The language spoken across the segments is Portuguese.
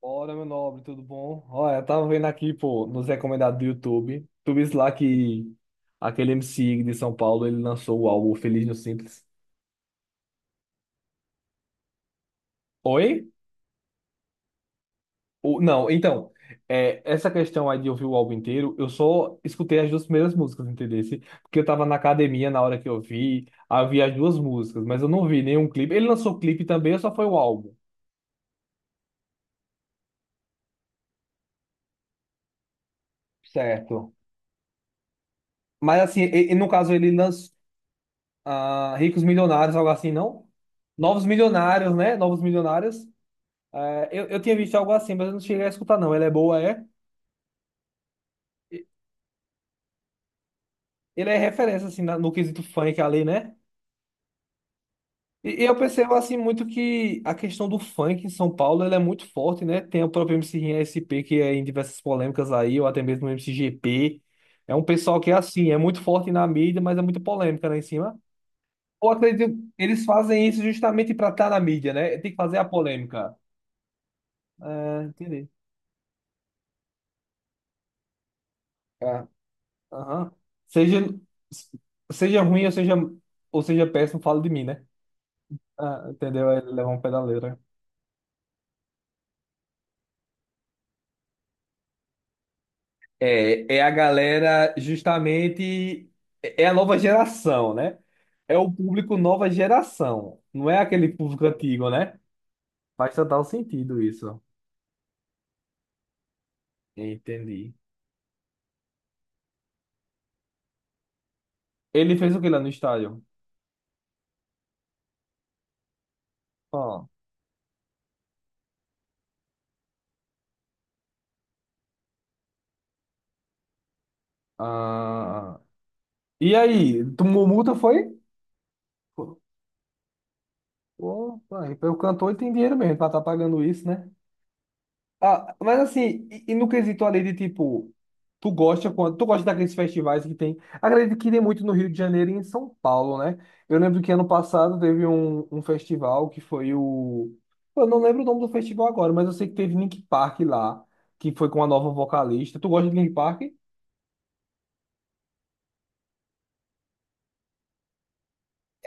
Bora, meu nobre, tudo bom? Olha, eu tava vendo aqui, pô, nos recomendados do YouTube. Tu viste lá que aquele MC de São Paulo, ele lançou o álbum Feliz no Simples. Oi? Não, então, essa questão aí de ouvir o álbum inteiro, eu só escutei as duas primeiras músicas, entendeu? Porque eu tava na academia na hora que eu vi, havia as duas músicas, mas eu não vi nenhum clipe. Ele lançou clipe também, ou só foi o álbum? Certo. Mas assim, e no caso ele lançou. Ah, Ricos Milionários, algo assim, não? Novos Milionários, né? Novos Milionários. É, eu tinha visto algo assim, mas eu não cheguei a escutar, não. Ele é boa, é? E- Ele é referência, assim, no quesito funk ali, né? E eu percebo, assim, muito que a questão do funk em São Paulo, ele é muito forte, né? Tem o próprio MC Rinha SP, que é em diversas polêmicas aí, ou até mesmo o MC GP. É um pessoal que, é assim, é muito forte na mídia, mas é muito polêmica lá em cima. Ou acredito, eles fazem isso justamente para estar na mídia, né? Tem que fazer a polêmica. É, entendi. É. Aham. Seja, Seja ruim ou seja péssimo, fala de mim, né? Ah, entendeu? Ele leva um pé da letra. É, é a galera justamente. É a nova geração, né? É o público nova geração. Não é aquele público antigo, né? Faz total sentido isso. Entendi. Ele fez o que lá no estádio? Ó. Ah. E aí? Tomou multa, foi? Pô, pô, aí, pelo cantor ele tem dinheiro mesmo pra estar pagando isso, né? Ah, mas assim, e no quesito ali de tipo, tu gosta daqueles festivais que tem. Acredito que tem muito no Rio de Janeiro e em São Paulo, né? Eu lembro que ano passado teve um festival que foi o. Pô, eu não lembro o nome do festival agora, mas eu sei que teve Link Park lá, que foi com a nova vocalista. Tu gosta de Link Park?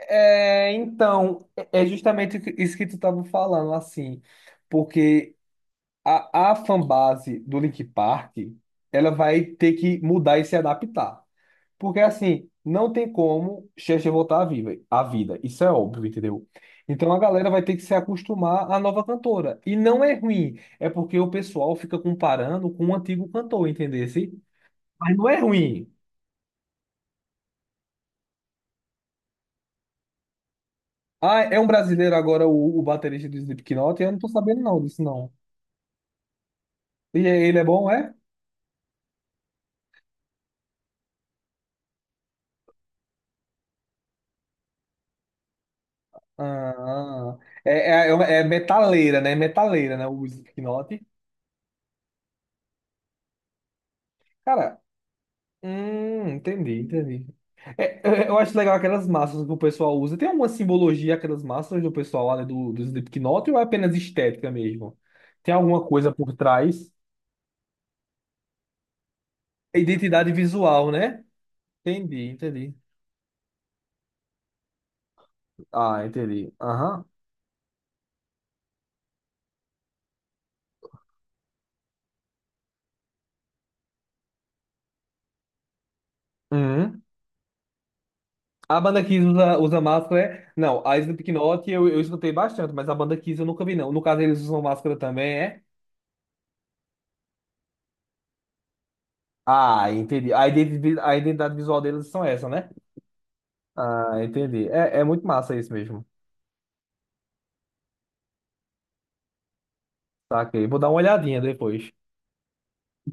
É, então, é justamente isso que tu estava falando, assim, porque a fanbase do Link Park, ela vai ter que mudar e se adaptar. Porque assim, não tem como Cher voltar à vida. Isso é óbvio, entendeu? Então a galera vai ter que se acostumar à nova cantora. E não é ruim, é porque o pessoal fica comparando com o antigo cantor, entendesse? Mas não é ruim. Ah, é um brasileiro agora o baterista do Slipknot? Eu não tô sabendo não disso não. Ele é bom, é? Ah, ah. É metaleira, né? Metaleira, né? O Slipknot. Cara, hum, entendi. É, é, eu acho legal aquelas máscaras que o pessoal usa. Tem alguma simbologia aquelas máscaras do pessoal lá, né, do Slipknot ou é apenas estética mesmo? Tem alguma coisa por trás? É identidade visual, né? Entendi. Ah, entendi. Aham. Uhum. A banda Kiss usa máscara, é? Não, a Slipknot eu escutei bastante, mas a banda Kiss eu nunca vi, não. No caso, eles usam máscara também, é? Ah, entendi. A identidade visual deles são essa, né? Ah, entendi. É, é muito massa isso mesmo. Saquei. Vou dar uma olhadinha depois.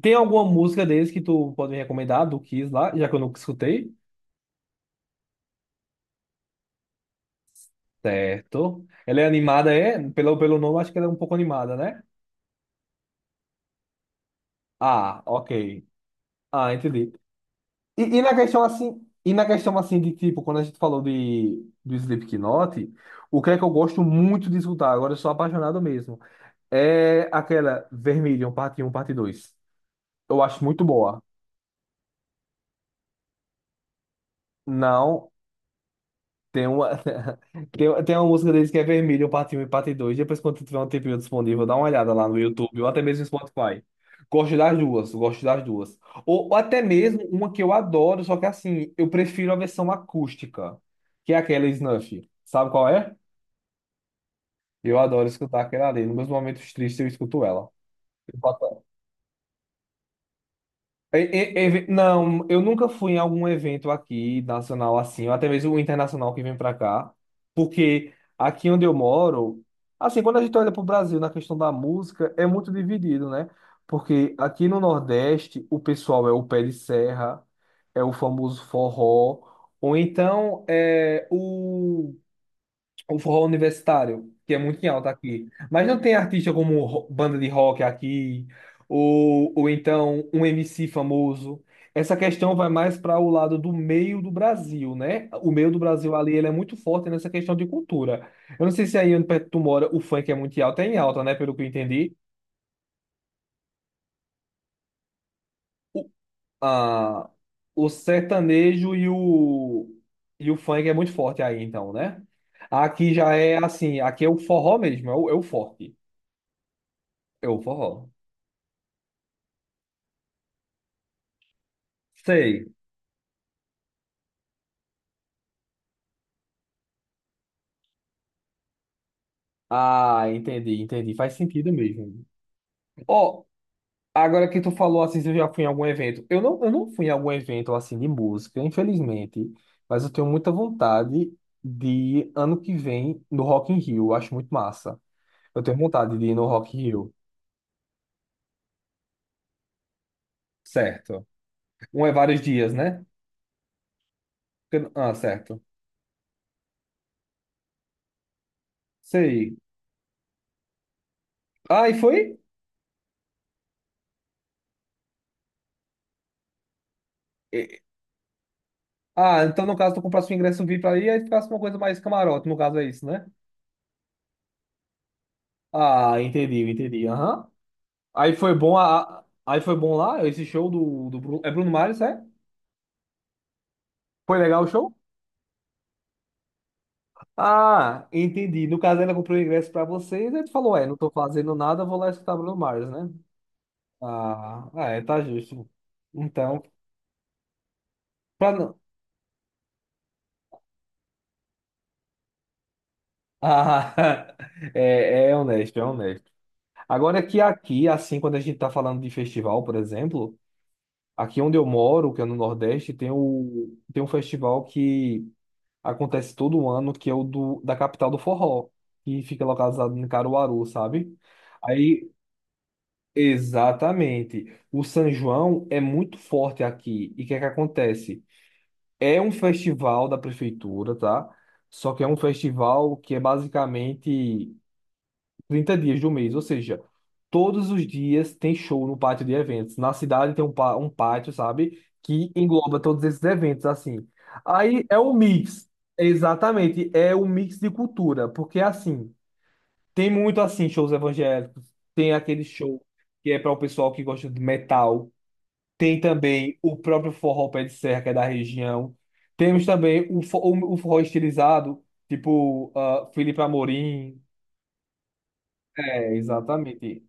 Tem alguma música deles que tu pode me recomendar do Kiss lá, já que eu nunca escutei? Certo. Ela é animada, é? Pelo nome, acho que ela é um pouco animada, né? Ah, ok. Ah, entendi. E na questão assim de tipo, quando a gente falou de do Slipknot, o que é que eu gosto muito de escutar, agora eu sou apaixonado mesmo, é aquela Vermilion, parte 1, parte 2. Eu acho muito boa. Não, Tem uma, tem uma música deles que é vermelho, parte Um e parte 2. Depois, quando tiver um tempinho disponível, dá uma olhada lá no YouTube ou até mesmo no Spotify. Gosto das duas, gosto das duas. Ou até mesmo uma que eu adoro, só que assim, eu prefiro a versão acústica, que é aquela Snuff. Sabe qual é? Eu adoro escutar aquela ali. Nos meus momentos tristes, eu escuto ela. Não, eu nunca fui em algum evento aqui nacional assim, ou até mesmo internacional que vem para cá, porque aqui onde eu moro, assim, quando a gente olha para o Brasil na questão da música, é muito dividido, né? Porque aqui no Nordeste, o pessoal é o pé de serra, é o famoso forró, ou então é o forró universitário, que é muito em alta aqui. Mas não tem artista como banda de rock aqui, ou então um MC famoso. Essa questão vai mais para o lado do meio do Brasil, né? O meio do Brasil ali, ele é muito forte nessa questão de cultura. Eu não sei se aí onde perto tu mora, o funk é muito em alta, é em alta, né? Pelo que eu entendi. O, a, o sertanejo e o funk é muito forte aí, então, né? Aqui já é assim, aqui é o forró mesmo, é é o forte. É o forró. Sei. Ah, entendi. Faz sentido mesmo. Ó, agora que tu falou assim, se eu já fui em algum evento. Eu não fui em algum evento assim de música, infelizmente, mas eu tenho muita vontade de ir ano que vem no Rock in Rio. Eu acho muito massa. Eu tenho vontade de ir no Rock in Rio. Certo. Um é vários dias, né? Ah, certo. Sei. Ah, e foi? E- Ah, então no caso tu comprasse um ingresso VIP aí, aí ficasse uma coisa mais camarote, no caso é isso, né? Ah, entendi. Aham. Aí foi bom aí foi bom lá esse show do Bruno, é Bruno Mars, é? Foi legal o show? Ah, entendi. No caso, ela comprou o ingresso pra vocês, aí tu falou, é, não tô fazendo nada, vou lá escutar Bruno Mars, né? Ah, ah, é, tá justo. Então, pra não. Ah, é, é honesto, é honesto. Agora é que aqui, assim, quando a gente tá falando de festival, por exemplo, aqui onde eu moro, que é no Nordeste, tem o, tem um festival que acontece todo um ano, que é da capital do forró, que fica localizado em Caruaru, sabe? Aí, exatamente. O São João é muito forte aqui. E o que é que acontece? É um festival da prefeitura, tá? Só que é um festival que é basicamente 30 dias do mês, ou seja, todos os dias tem show no pátio de eventos. Na cidade tem um pátio, sabe? Que engloba todos esses eventos, assim. Aí é um mix, exatamente, é um mix de cultura, porque assim, tem muito assim, shows evangélicos, tem aquele show que é para o pessoal que gosta de metal, tem também o próprio forró pé de serra, que é da região, temos também o forró estilizado, tipo ah, Felipe Amorim, é, exatamente.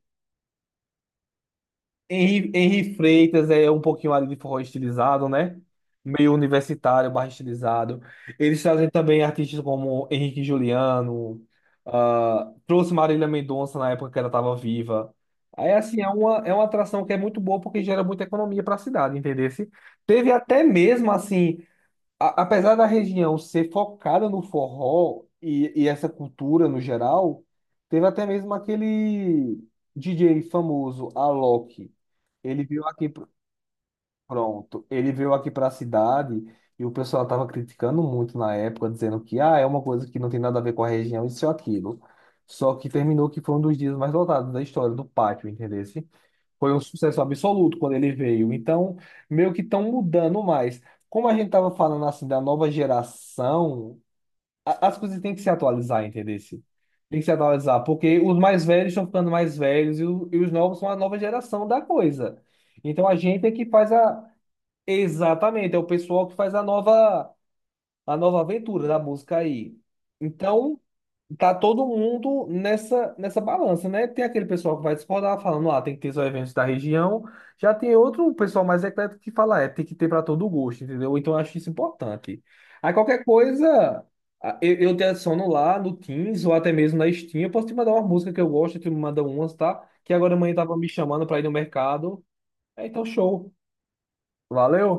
Henri Freitas é um pouquinho ali de forró estilizado, né? Meio universitário, barra estilizado. Eles trazem também artistas como Henrique e Juliano, ah, trouxe Marília Mendonça na época que ela estava viva. Aí, assim, é é uma atração que é muito boa porque gera muita economia para a cidade, entendeu? Teve até mesmo, assim, apesar da região ser focada no forró e essa cultura no geral, teve até mesmo aquele DJ famoso, Alok. Ele veio aqui, pronto, ele veio aqui para a cidade e o pessoal estava criticando muito na época, dizendo que ah, é uma coisa que não tem nada a ver com a região, isso ou aquilo. Só que terminou que foi um dos dias mais lotados da história do pátio, entendeu? Foi um sucesso absoluto quando ele veio. Então, meio que estão mudando mais. Como a gente estava falando assim da nova geração, as coisas têm que se atualizar, entendeu? Tem que se atualizar, porque os mais velhos estão ficando mais velhos e os novos são a nova geração da coisa. Então a gente é que faz a. Exatamente, é o pessoal que faz a nova aventura da música aí. Então tá todo mundo nessa, nessa balança, né? Tem aquele pessoal que vai discordar, falando, ah, tem que ter só eventos da região. Já tem outro pessoal mais eclético que fala, é, tem que ter para todo gosto, entendeu? Então eu acho isso importante. Aí qualquer coisa, eu te adiciono lá no Teams ou até mesmo na Steam. Eu posso te mandar uma música que eu gosto, tu me manda umas, tá? Que agora amanhã tava me chamando para ir no mercado. É, então show. Valeu!